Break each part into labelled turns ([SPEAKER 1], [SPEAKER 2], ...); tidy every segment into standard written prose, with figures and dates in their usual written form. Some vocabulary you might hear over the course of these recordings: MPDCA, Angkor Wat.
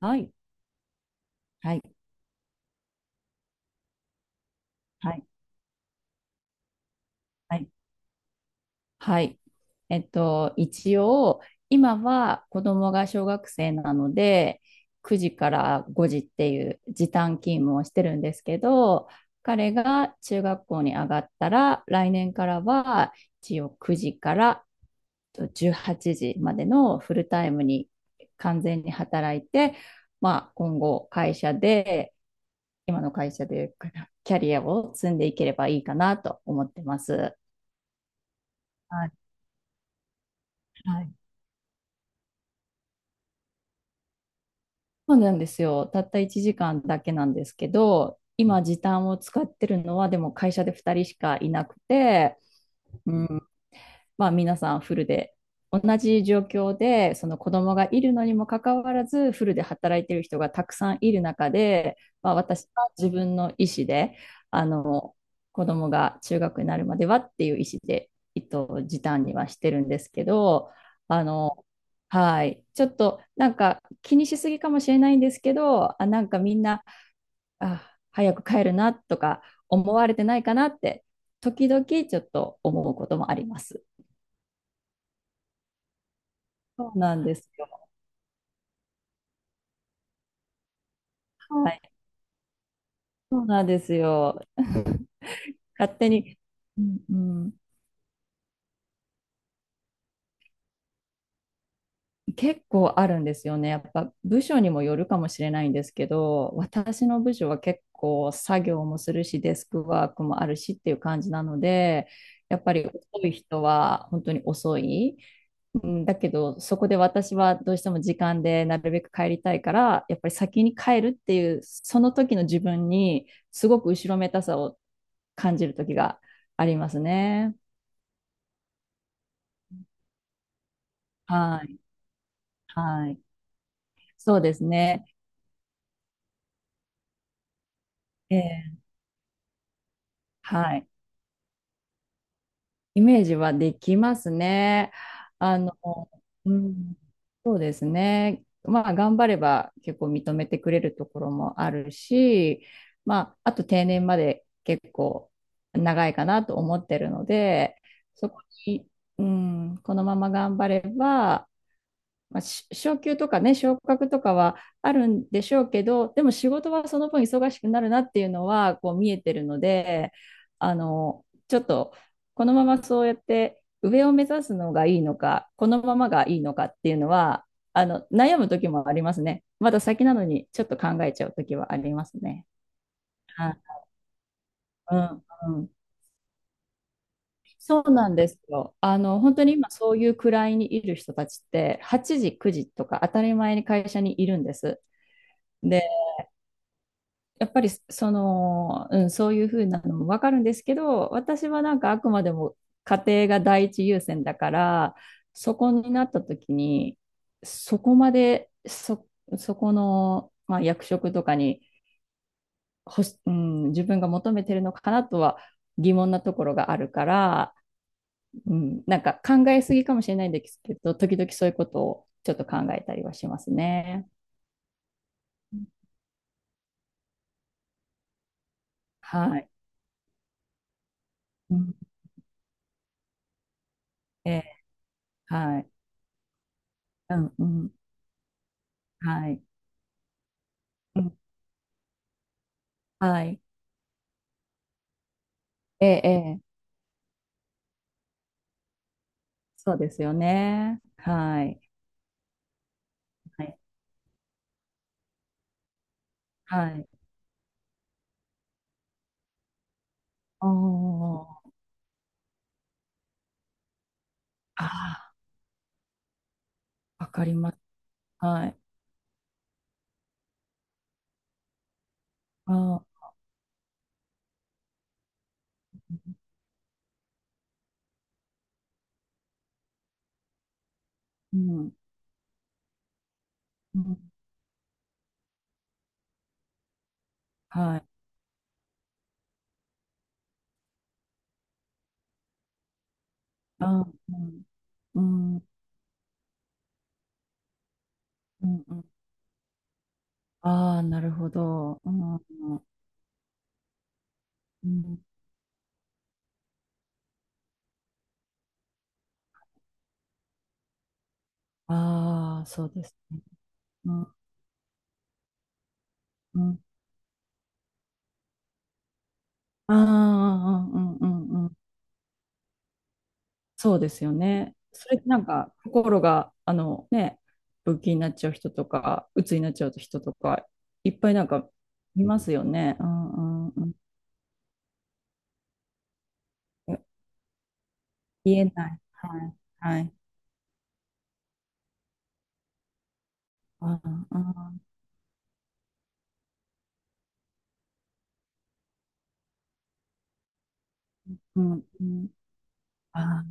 [SPEAKER 1] はい。はい、はい、はい、はい。一応、今は子供が小学生なので、9時から5時っていう時短勤務をしてるんですけど、彼が中学校に上がったら、来年からは一応9時から18時までのフルタイムに完全に働いて、今後会社で、今の会社でキャリアを積んでいければいいかなと思ってます。はい。はい。そうなんですよ。たった1時間だけなんですけど、今時短を使ってるのはでも会社で2人しかいなくて、うまあ、皆さんフルで同じ状況でその子供がいるのにもかかわらずフルで働いている人がたくさんいる中で、まあ、私は自分の意思であの子供が中学になるまではっていう意思で、時短にはしてるんですけどあのはい、ちょっとなんか気にしすぎかもしれないんですけどなんかみんな早く帰るなとか思われてないかなって時々ちょっと思うこともあります。そうなんですよ。はい、そうなんですよ。勝手に、うんうん、結構あるんですよね。やっぱ部署にもよるかもしれないんですけど、私の部署は結構作業もするし、デスクワークもあるしっていう感じなので、やっぱり遅い人は本当に遅い。うん、だけど、そこで私はどうしても時間でなるべく帰りたいから、やっぱり先に帰るっていう、その時の自分に、すごく後ろめたさを感じる時がありますね。はい、はい。そうですね。ええ、はい。イメージはできますね。あの、うん、そうですね。まあ、頑張れば結構認めてくれるところもあるし、まあ、あと定年まで結構長いかなと思ってるので、そこに、うん、このまま頑張れば、まあ、昇給とかね、昇格とかはあるんでしょうけど、でも仕事はその分忙しくなるなっていうのはこう見えてるので、ちょっとこのままそうやって上を目指すのがいいのか、このままがいいのかっていうのは、悩む時もありますね。まだ先なのにちょっと考えちゃう時はありますね。あうんうん、そうなんですよ。あの、本当に今そういう位にいる人たちって、8時、9時とか当たり前に会社にいるんです。でやっぱりその、うん、そういうふうなのもわかるんですけど、私はなんかあくまでも家庭が第一優先だから、そこになった時に、そこまで、そ、そこの、まあ、役職とかにうん、自分が求めてるのかなとは疑問なところがあるから、うん、なんか考えすぎかもしれないんですけど、時々そういうことをちょっと考えたりはしますね。はい。うん、えー、はい。うん、うん、はい。うんはい。ええ、ええ。そうですよね。はい。はい。はい。あーああわかります。はい。ああ、うん。うん。はい。ああ、うん。うん。うん。うんああ、なるほど。うん。うん。ああ、そうですね。うん。うん。ああ、うん。うん。うん。うんそうですよね。それってなんか心があのね、病気になっちゃう人とか、鬱になっちゃう人とか、いっぱいなんかいますよね。うんうんうん。言えない。はいはい。ああ、うんうん。ああ、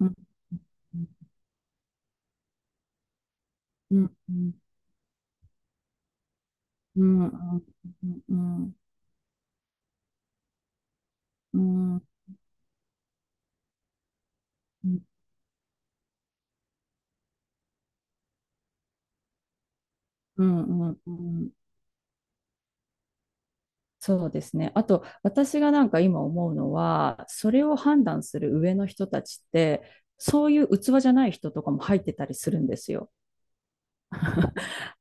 [SPEAKER 1] うん。うんうんうんうんうんうんうんうんうんうんうんそうですね。あと、私がなんか今思うのは、それを判断する上の人たちって、そういう器じゃない人とかも入ってたりするんですよ。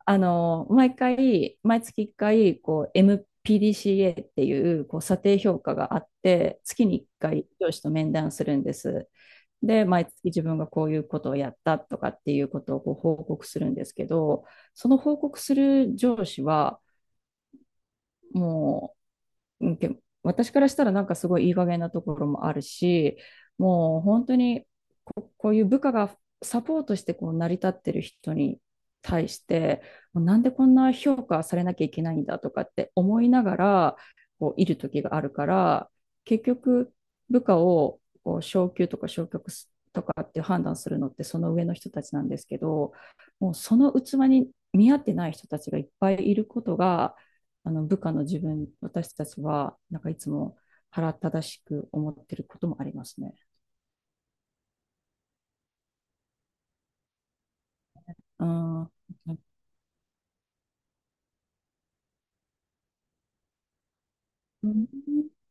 [SPEAKER 1] あの、毎回、毎月1回、こう、MPDCA っていう、こう、査定評価があって、月に1回上司と面談するんです。で、毎月自分がこういうことをやったとかっていうことをこう報告するんですけど、その報告する上司は、もうんけ私からしたらなんかすごいいい加減なところもあるし、本当にこういう部下がサポートしてこう成り立ってる人に対して、もうなんでこんな評価されなきゃいけないんだとかって思いながらこういる時があるから、結局部下をこう昇給とか昇格すとかって判断するのってその上の人たちなんですけど、もうその器に見合ってない人たちがいっぱいいることが、部下の自分、私たちは、なんかいつも腹正しく思ってることもありますね。うん。うん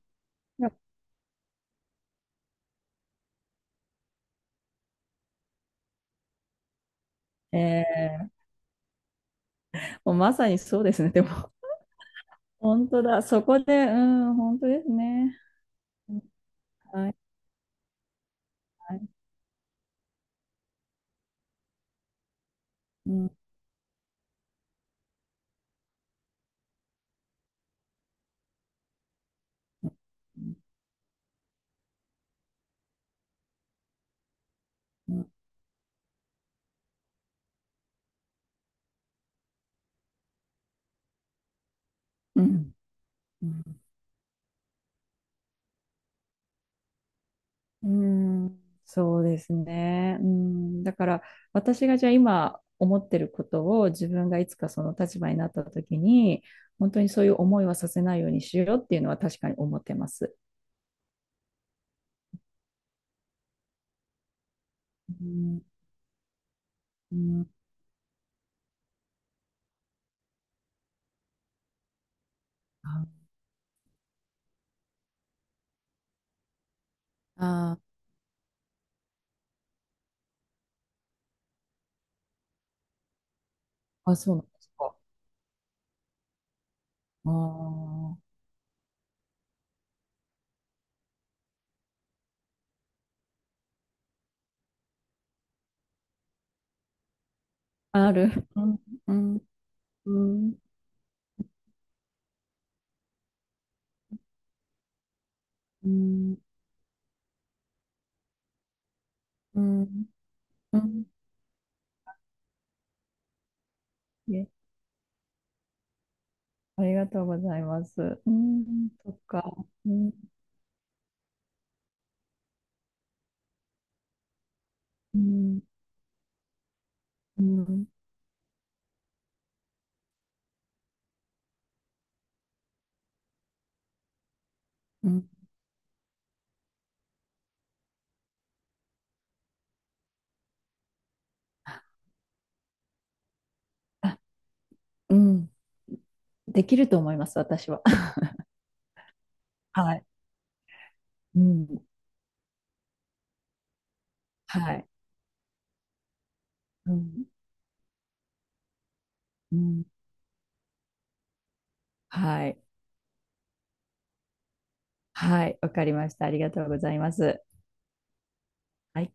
[SPEAKER 1] ええもうまさにそうですね。でも、本当だ。そこで、うん、本当ですね。はい、はい。うん、うん、うん、うん。うんうーん、そうですね。うん、だから私がじゃあ今思ってることを自分がいつかその立場になった時に本当にそういう思いはさせないようにしようっていうのは確かに思ってます。うん、うんああー、あそうなんですか。ああある。うん、うん、うん、うん、うん、うんいえありがとうございます。うん、そっか。うん、うん、うん、うん。うんできると思います、私は。はい。うん。はい。うん。うん。はい。はい。わかりました。ありがとうございます。はい。